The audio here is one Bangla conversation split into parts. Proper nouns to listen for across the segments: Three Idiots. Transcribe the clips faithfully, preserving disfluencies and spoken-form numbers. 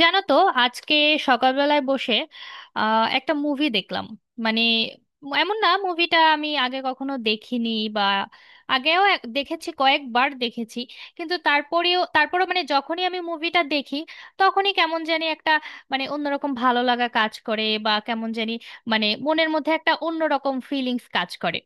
জানো তো, আজকে সকালবেলায় বসে আহ, একটা মুভি দেখলাম। মানে, এমন না মুভিটা আমি আগে কখনো দেখিনি, বা আগেও এক- দেখেছি, কয়েকবার দেখেছি। কিন্তু তারপরেও তারপরও মানে যখনই আমি মুভিটা দেখি, তখনই কেমন জানি একটা, মানে অন্যরকম ভালো লাগা কাজ করে, বা কেমন জানি মানে মনের মধ্যে একটা অন্যরকম ফিলিংস কাজ করে।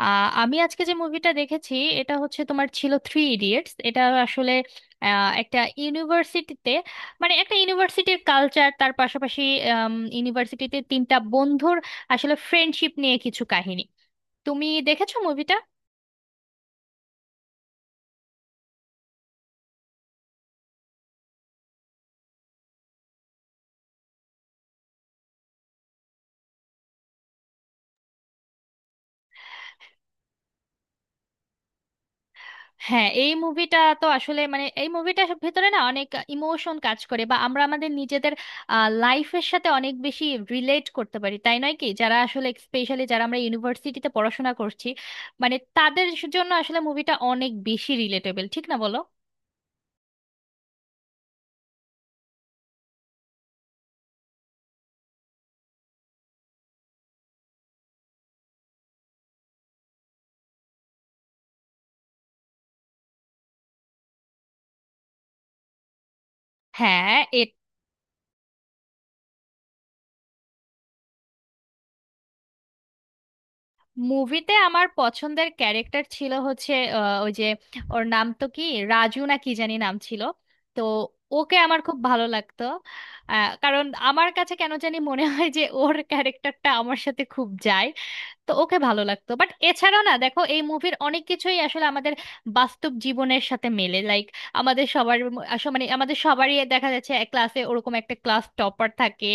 আহ, আমি আজকে যে মুভিটা দেখেছি এটা হচ্ছে তোমার ছিল থ্রি ইডিয়েটস। এটা আসলে আহ, একটা ইউনিভার্সিটিতে, মানে একটা ইউনিভার্সিটির কালচার, তার পাশাপাশি ইউনিভার্সিটিতে তিনটা বন্ধুর আসলে ফ্রেন্ডশিপ নিয়ে কিছু কাহিনী। তুমি দেখেছো মুভিটা? হ্যাঁ, এই মুভিটা তো আসলে মানে এই মুভিটার ভেতরে না অনেক ইমোশন কাজ করে, বা আমরা আমাদের নিজেদের লাইফের সাথে অনেক বেশি রিলেট করতে পারি, তাই নয় কি? যারা আসলে স্পেশালি যারা আমরা ইউনিভার্সিটিতে পড়াশোনা করছি, মানে তাদের জন্য আসলে মুভিটা অনেক বেশি রিলেটেবল, ঠিক না বলো? হ্যাঁ, মুভিতে আমার পছন্দের ক্যারেক্টার ছিল হচ্ছে আহ, ওই যে, ওর নাম তো কি, রাজু না কি জানি নাম ছিল। তো ওকে আমার খুব ভালো লাগতো। আহ, কারণ আমার কাছে কেন জানি মনে হয় যে ওর ক্যারেক্টারটা আমার সাথে খুব যায়, তো ওকে ভালো লাগতো। বাট এছাড়াও না দেখো এই মুভির অনেক কিছুই আসলে আমাদের বাস্তব জীবনের সাথে মেলে, লাইক আমাদের সবার ম- আস- মানে আমাদের সবারই দেখা যাচ্ছে এক ক্লাসে ওরকম একটা ক্লাস টপার থাকে,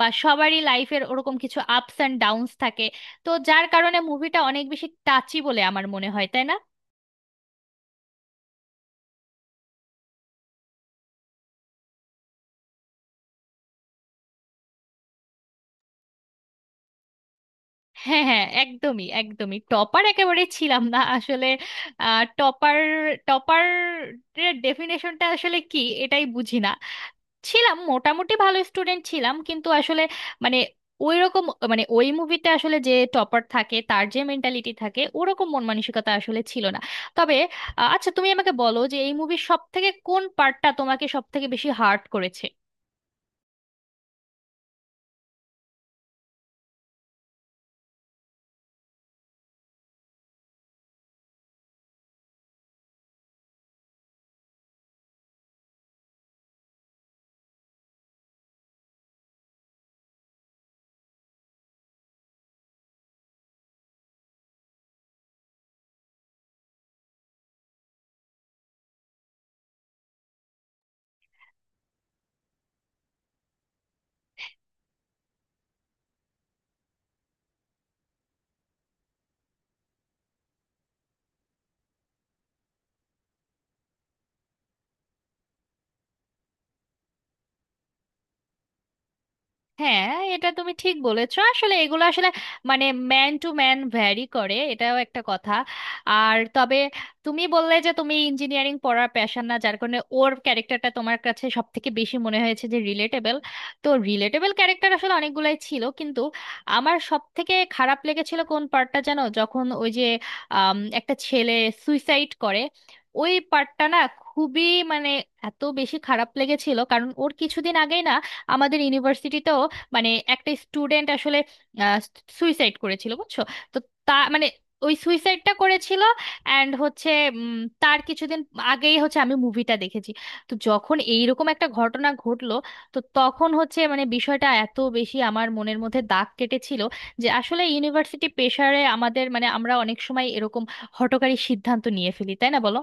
বা সবারই লাইফের ওরকম কিছু আপস অ্যান্ড ডাউনস থাকে। তো যার কারণে মুভিটা অনেক বেশি টাচি বলে আমার মনে হয়, তাই না? হ্যাঁ হ্যাঁ, একদমই একদমই টপার একেবারে ছিলাম না আসলে। টপার টপার ডেফিনেশনটা আসলে কি এটাই বুঝি না। ছিলাম, মোটামুটি ভালো স্টুডেন্ট ছিলাম কিন্তু আসলে, মানে ওই রকম, মানে ওই মুভিতে আসলে যে টপার থাকে তার যে মেন্টালিটি থাকে ওরকম মন মানসিকতা আসলে ছিল না। তবে, আ, আচ্ছা তুমি আমাকে বলো যে এই মুভির সব থেকে কোন পার্টটা তোমাকে সব থেকে বেশি হার্ট করেছে? হ্যাঁ, এটা তুমি ঠিক বলেছো। আসলে এগুলো আসলে, মানে ম্যান টু ম্যান ভ্যারি করে, এটাও একটা কথা। আর তবে, তুমি বললে যে তুমি ইঞ্জিনিয়ারিং পড়ার প্যাশন না, যার কারণে ওর ক্যারেক্টারটা তোমার কাছে সব থেকে বেশি মনে হয়েছে যে রিলেটেবল। তো রিলেটেবল ক্যারেক্টার আসলে অনেকগুলাই ছিল, কিন্তু আমার সব থেকে খারাপ লেগেছিল কোন পার্টটা জানো? যখন ওই যে আম, একটা ছেলে সুইসাইড করে, ওই পার্টটা না খুবই, মানে এত বেশি খারাপ লেগেছিল, কারণ ওর কিছুদিন আগেই না আমাদের ইউনিভার্সিটিতেও, মানে একটা স্টুডেন্ট আসলে সুইসাইড করেছিল, বুঝছো। তো তা মানে ওই সুইসাইডটা করেছিল, অ্যান্ড হচ্ছে উম, তার কিছুদিন আগেই হচ্ছে আমি মুভিটা দেখেছি। তো যখন এইরকম একটা ঘটনা ঘটলো, তো তখন হচ্ছে মানে বিষয়টা এত বেশি আমার মনের মধ্যে দাগ কেটেছিল যে আসলে ইউনিভার্সিটি প্রেশারে আমাদের মানে আমরা অনেক সময় এরকম হঠকারী সিদ্ধান্ত নিয়ে ফেলি, তাই না বলো?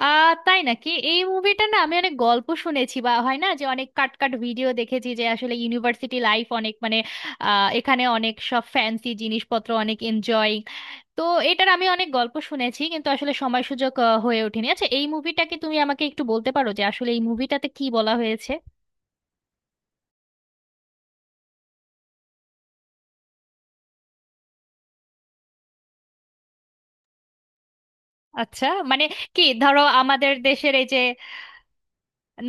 আহ তাই নাকি! এই মুভিটা না আমি অনেক গল্প শুনেছি, বা হয় না যে অনেক কাট কাট ভিডিও দেখেছি যে আসলে ইউনিভার্সিটি লাইফ অনেক মানে আহ, এখানে অনেক সব ফ্যান্সি জিনিসপত্র অনেক এনজয়। তো এটার আমি অনেক গল্প শুনেছি, কিন্তু আসলে সময় সুযোগ আহ, হয়ে ওঠেনি। আচ্ছা এই মুভিটাকে তুমি আমাকে একটু বলতে পারো যে আসলে এই মুভিটাতে কি বলা হয়েছে? আচ্ছা, মানে কি ধরো আমাদের দেশের এই যে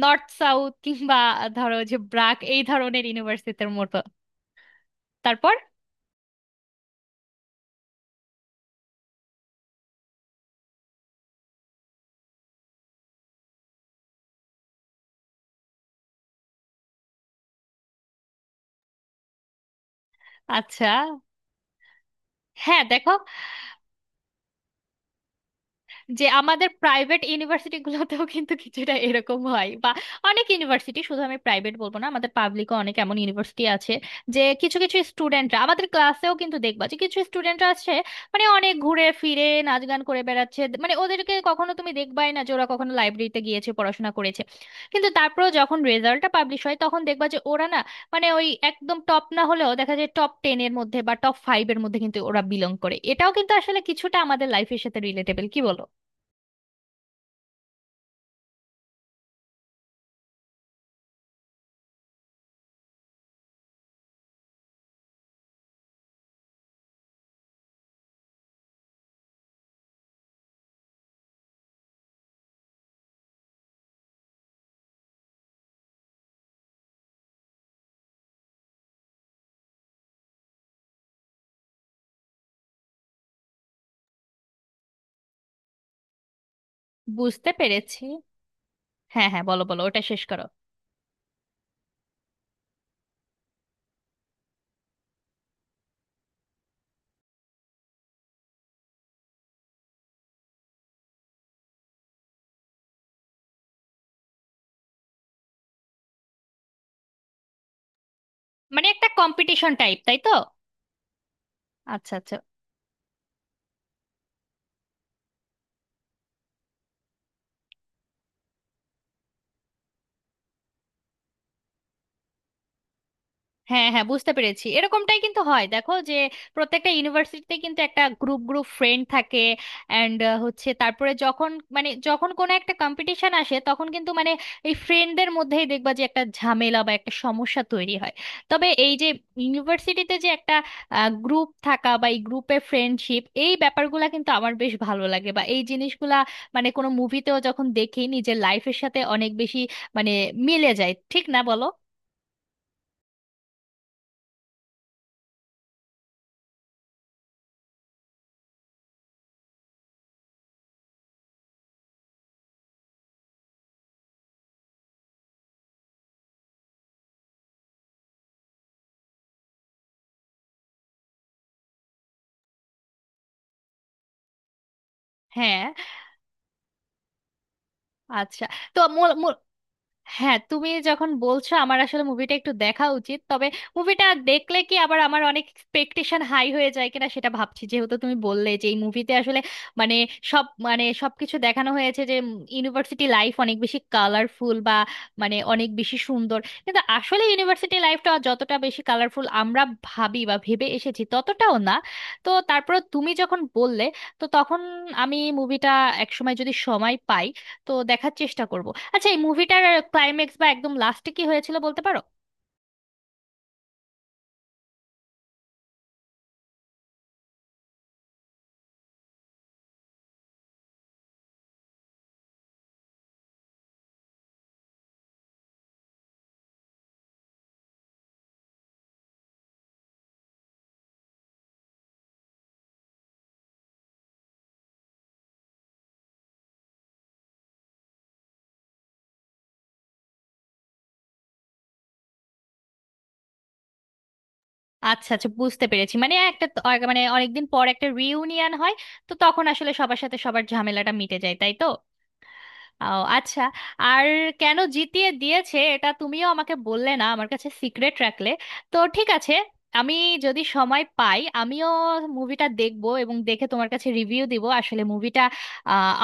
নর্থ সাউথ কিংবা ধরো যে ব্রাক এই ধরনের ইউনিভার্সিটির মতো? তারপর? আচ্ছা। হ্যাঁ দেখো যে আমাদের প্রাইভেট ইউনিভার্সিটিগুলোতেও কিন্তু কিছুটা এরকম হয়, বা অনেক ইউনিভার্সিটি, শুধু আমি প্রাইভেট বলবো না, আমাদের পাবলিকও অনেক এমন ইউনিভার্সিটি আছে যে কিছু কিছু স্টুডেন্টরা, আমাদের ক্লাসেও কিন্তু দেখবা যে কিছু স্টুডেন্টরা আছে মানে অনেক ঘুরে ফিরে নাচ গান করে বেড়াচ্ছে, মানে ওদেরকে কখনো তুমি দেখবাই না যে ওরা কখনো লাইব্রেরিতে গিয়েছে পড়াশোনা করেছে। কিন্তু তারপরেও যখন রেজাল্টটা পাবলিশ হয় তখন দেখবা যে ওরা না, মানে ওই একদম টপ না হলেও দেখা যায় টপ টেন এর মধ্যে বা টপ ফাইভ এর মধ্যে কিন্তু ওরা বিলং করে। এটাও কিন্তু আসলে কিছুটা আমাদের লাইফের সাথে রিলেটেবল, কি বলো? বুঝতে পেরেছি। হ্যাঁ হ্যাঁ, বলো বলো, ওটা শেষ করো। মানে একটা কম্পিটিশন টাইপ, তাই তো? আচ্ছা আচ্ছা। হ্যাঁ হ্যাঁ, বুঝতে পেরেছি। এরকমটাই কিন্তু হয়, দেখো যে প্রত্যেকটা ইউনিভার্সিটিতে কিন্তু একটা গ্রুপ গ্রুপ ফ্রেন্ড থাকে। অ্যান্ড হচ্ছে তারপরে যখন, মানে যখন কোনো একটা কম্পিটিশন আসে তখন কিন্তু মানে এই ফ্রেন্ডদের মধ্যেই দেখবা যে একটা ঝামেলা বা একটা সমস্যা তৈরি হয়। তবে এই যে ইউনিভার্সিটিতে যে একটা গ্রুপ থাকা, বা এই গ্রুপে ফ্রেন্ডশিপ, এই ব্যাপারগুলা কিন্তু আমার বেশ ভালো লাগে, বা এই জিনিসগুলা মানে কোনো মুভিতেও যখন দেখি নিজের লাইফের সাথে অনেক বেশি মানে মিলে যায়, ঠিক না বলো? হ্যাঁ। আচ্ছা, তো মূল মূল। হ্যাঁ, তুমি যখন বলছো আমার আসলে মুভিটা একটু দেখা উচিত। তবে মুভিটা দেখলে কি আবার আমার অনেক এক্সপেকটেশন হাই হয়ে যায় কিনা সেটা ভাবছি, যেহেতু তুমি বললে যে এই মুভিতে আসলে, মানে সব মানে সবকিছু দেখানো হয়েছে যে ইউনিভার্সিটি লাইফ অনেক বেশি কালারফুল, বা মানে অনেক বেশি সুন্দর। কিন্তু আসলে ইউনিভার্সিটি লাইফটা যতটা বেশি কালারফুল আমরা ভাবি বা ভেবে এসেছি ততটাও না। তো তারপরে তুমি যখন বললে, তো তখন আমি মুভিটা একসময় যদি সময় পাই তো দেখার চেষ্টা করব। আচ্ছা, এই মুভিটার ক্লাইম্যাক্স বা একদম লাস্টে কি হয়েছিল বলতে পারো? আচ্ছা আচ্ছা, বুঝতে পেরেছি। মানে একটা ত- আর মানে অনেকদিন পর একটা রিউনিয়ন হয়, তো তখন আসলে সবার সাথে সবার ঝামেলাটা মিটে যায়, তাই তো? আও, আচ্ছা। আর কেন জিতিয়ে দিয়েছে এটা তুমিও আমাকে বললে না, আমার কাছে সিক্রেট রাখলে। তো ঠিক আছে, আমি যদি সময় পাই আমিও মুভিটা দেখবো, এবং দেখে তোমার কাছে রিভিউ দিব আসলে মুভিটা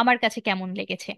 আমার কাছে কেমন লেগেছে।